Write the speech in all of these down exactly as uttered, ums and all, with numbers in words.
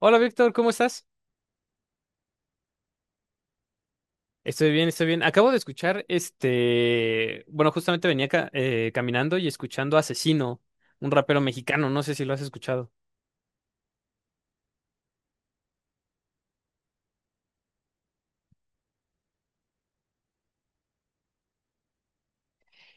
Hola Víctor, ¿cómo estás? Estoy bien, estoy bien. Acabo de escuchar este, bueno, justamente venía ca- eh, caminando y escuchando a Asesino, un rapero mexicano, no sé si lo has escuchado.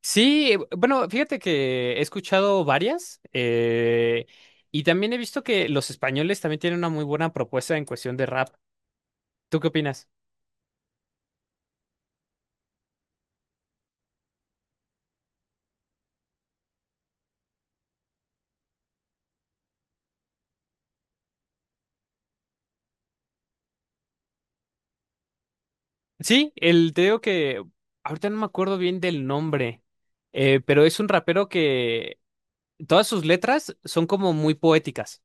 Sí, eh, bueno, fíjate que he escuchado varias eh, y también he visto que los españoles también tienen una muy buena propuesta en cuestión de rap. ¿Tú qué opinas? Sí, el, te digo que ahorita no me acuerdo bien del nombre, eh, pero es un rapero que todas sus letras son como muy poéticas.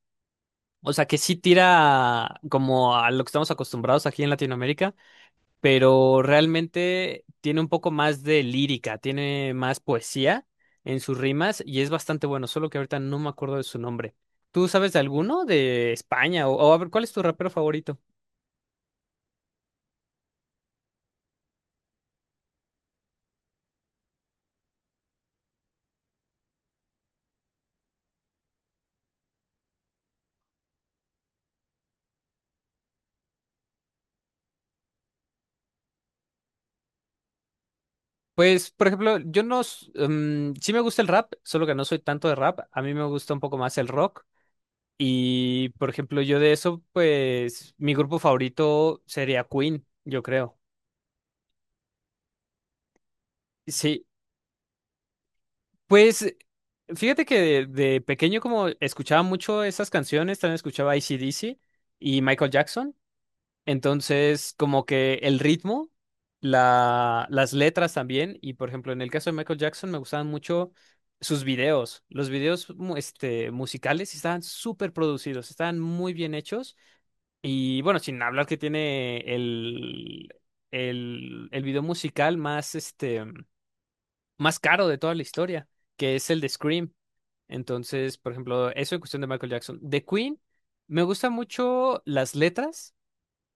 O sea, que sí tira como a lo que estamos acostumbrados aquí en Latinoamérica, pero realmente tiene un poco más de lírica, tiene más poesía en sus rimas y es bastante bueno, solo que ahorita no me acuerdo de su nombre. ¿Tú sabes de alguno de España? O, o a ver, ¿cuál es tu rapero favorito? Pues, por ejemplo, yo no... s- mm, sí me gusta el rap, solo que no soy tanto de rap. A mí me gusta un poco más el rock. Y, por ejemplo, yo de eso, pues, mi grupo favorito sería Queen, yo creo. Sí, pues fíjate que de, de pequeño como escuchaba mucho esas canciones, también escuchaba D C y Michael Jackson, entonces como que el ritmo, la, las letras también, y por ejemplo en el caso de Michael Jackson me gustaban mucho sus videos, los videos mu- este, musicales estaban súper producidos, estaban muy bien hechos, y bueno, sin hablar que tiene el, el, el video musical más, este, más caro de toda la historia, que es el de Scream. Entonces, por ejemplo, eso en cuestión de Michael Jackson. De Queen, me gustan mucho las letras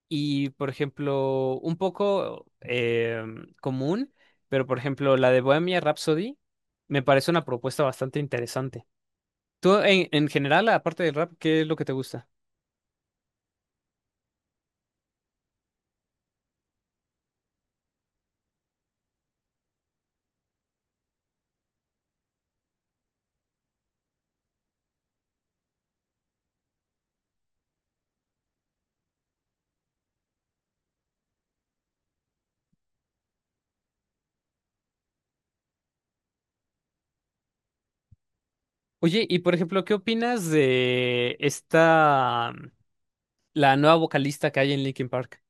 y, por ejemplo, un poco eh, común, pero por ejemplo, la de Bohemia Rhapsody me parece una propuesta bastante interesante. Tú, en, en general, aparte del rap, ¿qué es lo que te gusta? Oye, y por ejemplo, ¿qué opinas de esta, la nueva vocalista que hay en Linkin Park?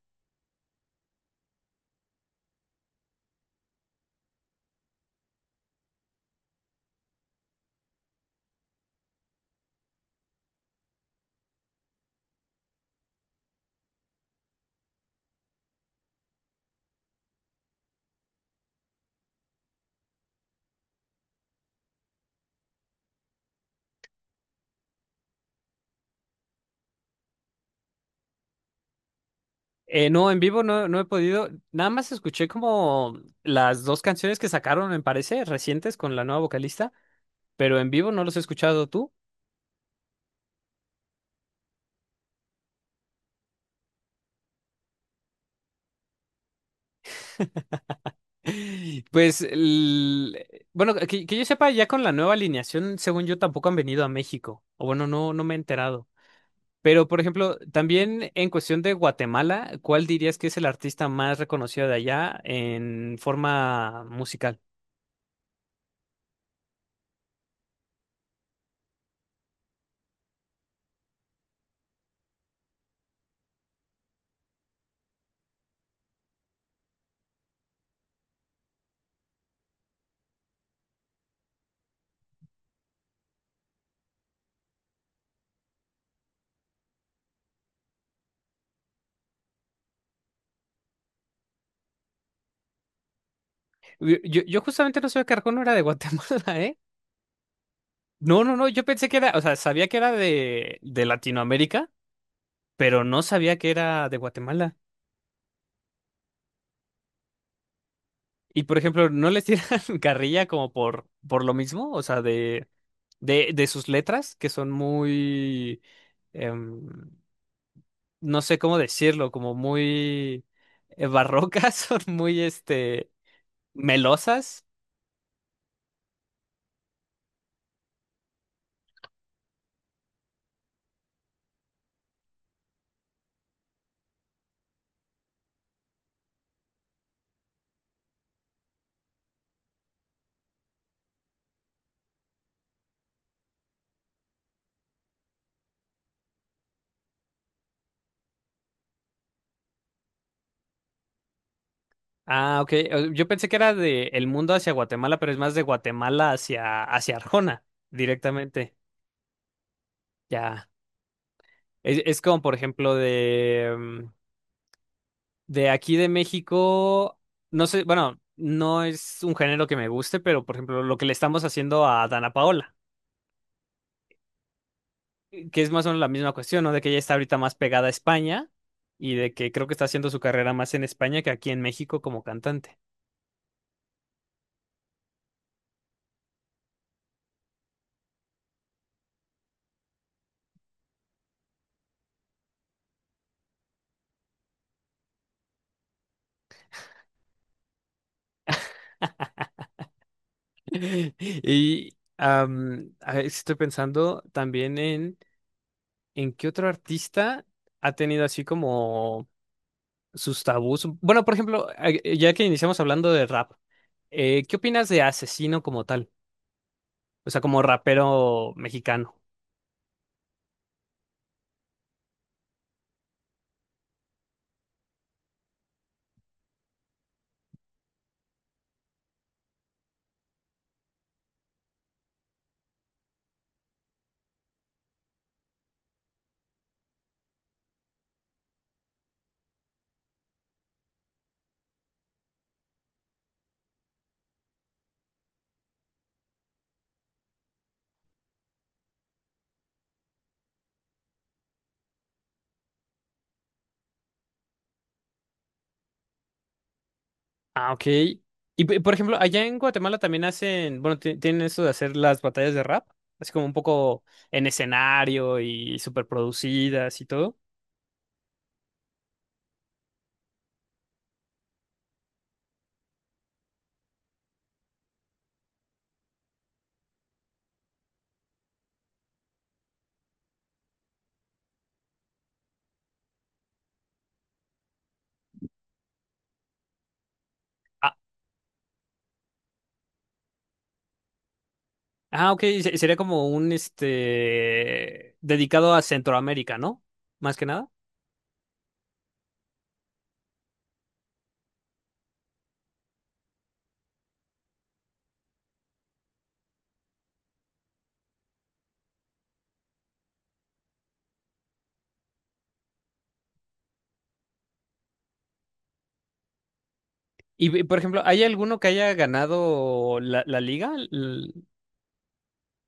Eh, no, en vivo no, no he podido. Nada más escuché como las dos canciones que sacaron, me parece, recientes con la nueva vocalista, pero en vivo no los he escuchado tú. Pues, el- bueno, que, que yo sepa, ya con la nueva alineación, según yo, tampoco han venido a México. O bueno, no, no me he enterado. Pero, por ejemplo, también en cuestión de Guatemala, ¿cuál dirías que es el artista más reconocido de allá en forma musical? Yo, yo yo justamente no sabía que Arjona era de Guatemala. No, no, no, yo pensé que era, o sea, sabía que era de, de Latinoamérica, pero no sabía que era de Guatemala. Y por ejemplo, ¿no les tiran carrilla como por, por lo mismo? O sea, de, de, de sus letras, que son muy, em, no sé cómo decirlo, como muy eh, barrocas, son muy, este, melosas. Ah, ok. eh, Yo pensé que era de El Mundo hacia Guatemala, pero es más de Guatemala hacia, hacia Arjona, directamente. Ya. Es, es como, por ejemplo, de, mm, de aquí de México, no sé, bueno, no es un género que me guste, pero por ejemplo, lo que le estamos haciendo a Dana Paola, eh, que es más o menos la misma cuestión, ¿no? De que ella está ahorita más pegada a España y de que creo que está haciendo su carrera más en España que aquí en México como cantante. Y am, a ver, estoy pensando también en, en qué otro artista ha tenido así como sus tabús. Bueno, por ejemplo, eh, ya que iniciamos hablando de rap. Eh, ¿qué opinas de Asesino como tal? O sea, como rapero mexicano. Ah, ok. Y p- por ejemplo, allá en Guatemala también hacen, bueno, ti- tienen eso de hacer las batallas de rap, así como un poco en escenario y súper producidas y todo. Ah, ah, ok, se- sería como un, este, dedicado a Centroamérica, ¿no? Más que nada. Y p- por ejemplo, ¿hay alguno que haya ganado la, la liga? L-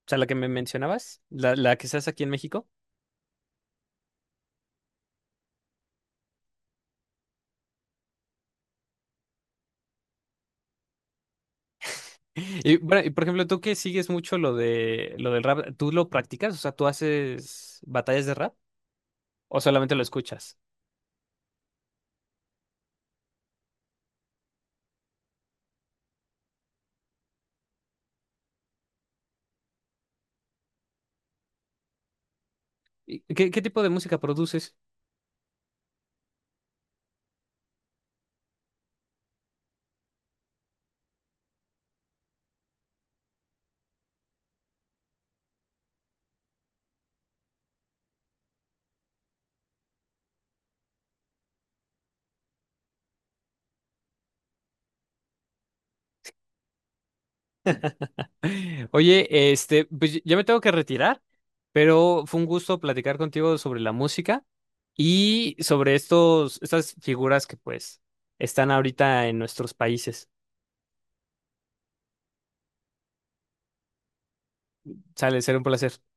O sea, la que me mencionabas, la, la que se hace aquí en México. Y, bueno, y, por ejemplo, tú que sigues mucho lo de lo del rap, ¿tú lo practicas? O sea, ¿tú haces batallas de rap o solamente lo escuchas? ¿Y qué, qué tipo de música produces? Oye, este, pues y- ya me tengo que retirar, pero fue un gusto platicar contigo sobre la música y sobre estos, estas figuras que pues están ahorita en nuestros países. Sale, será un placer.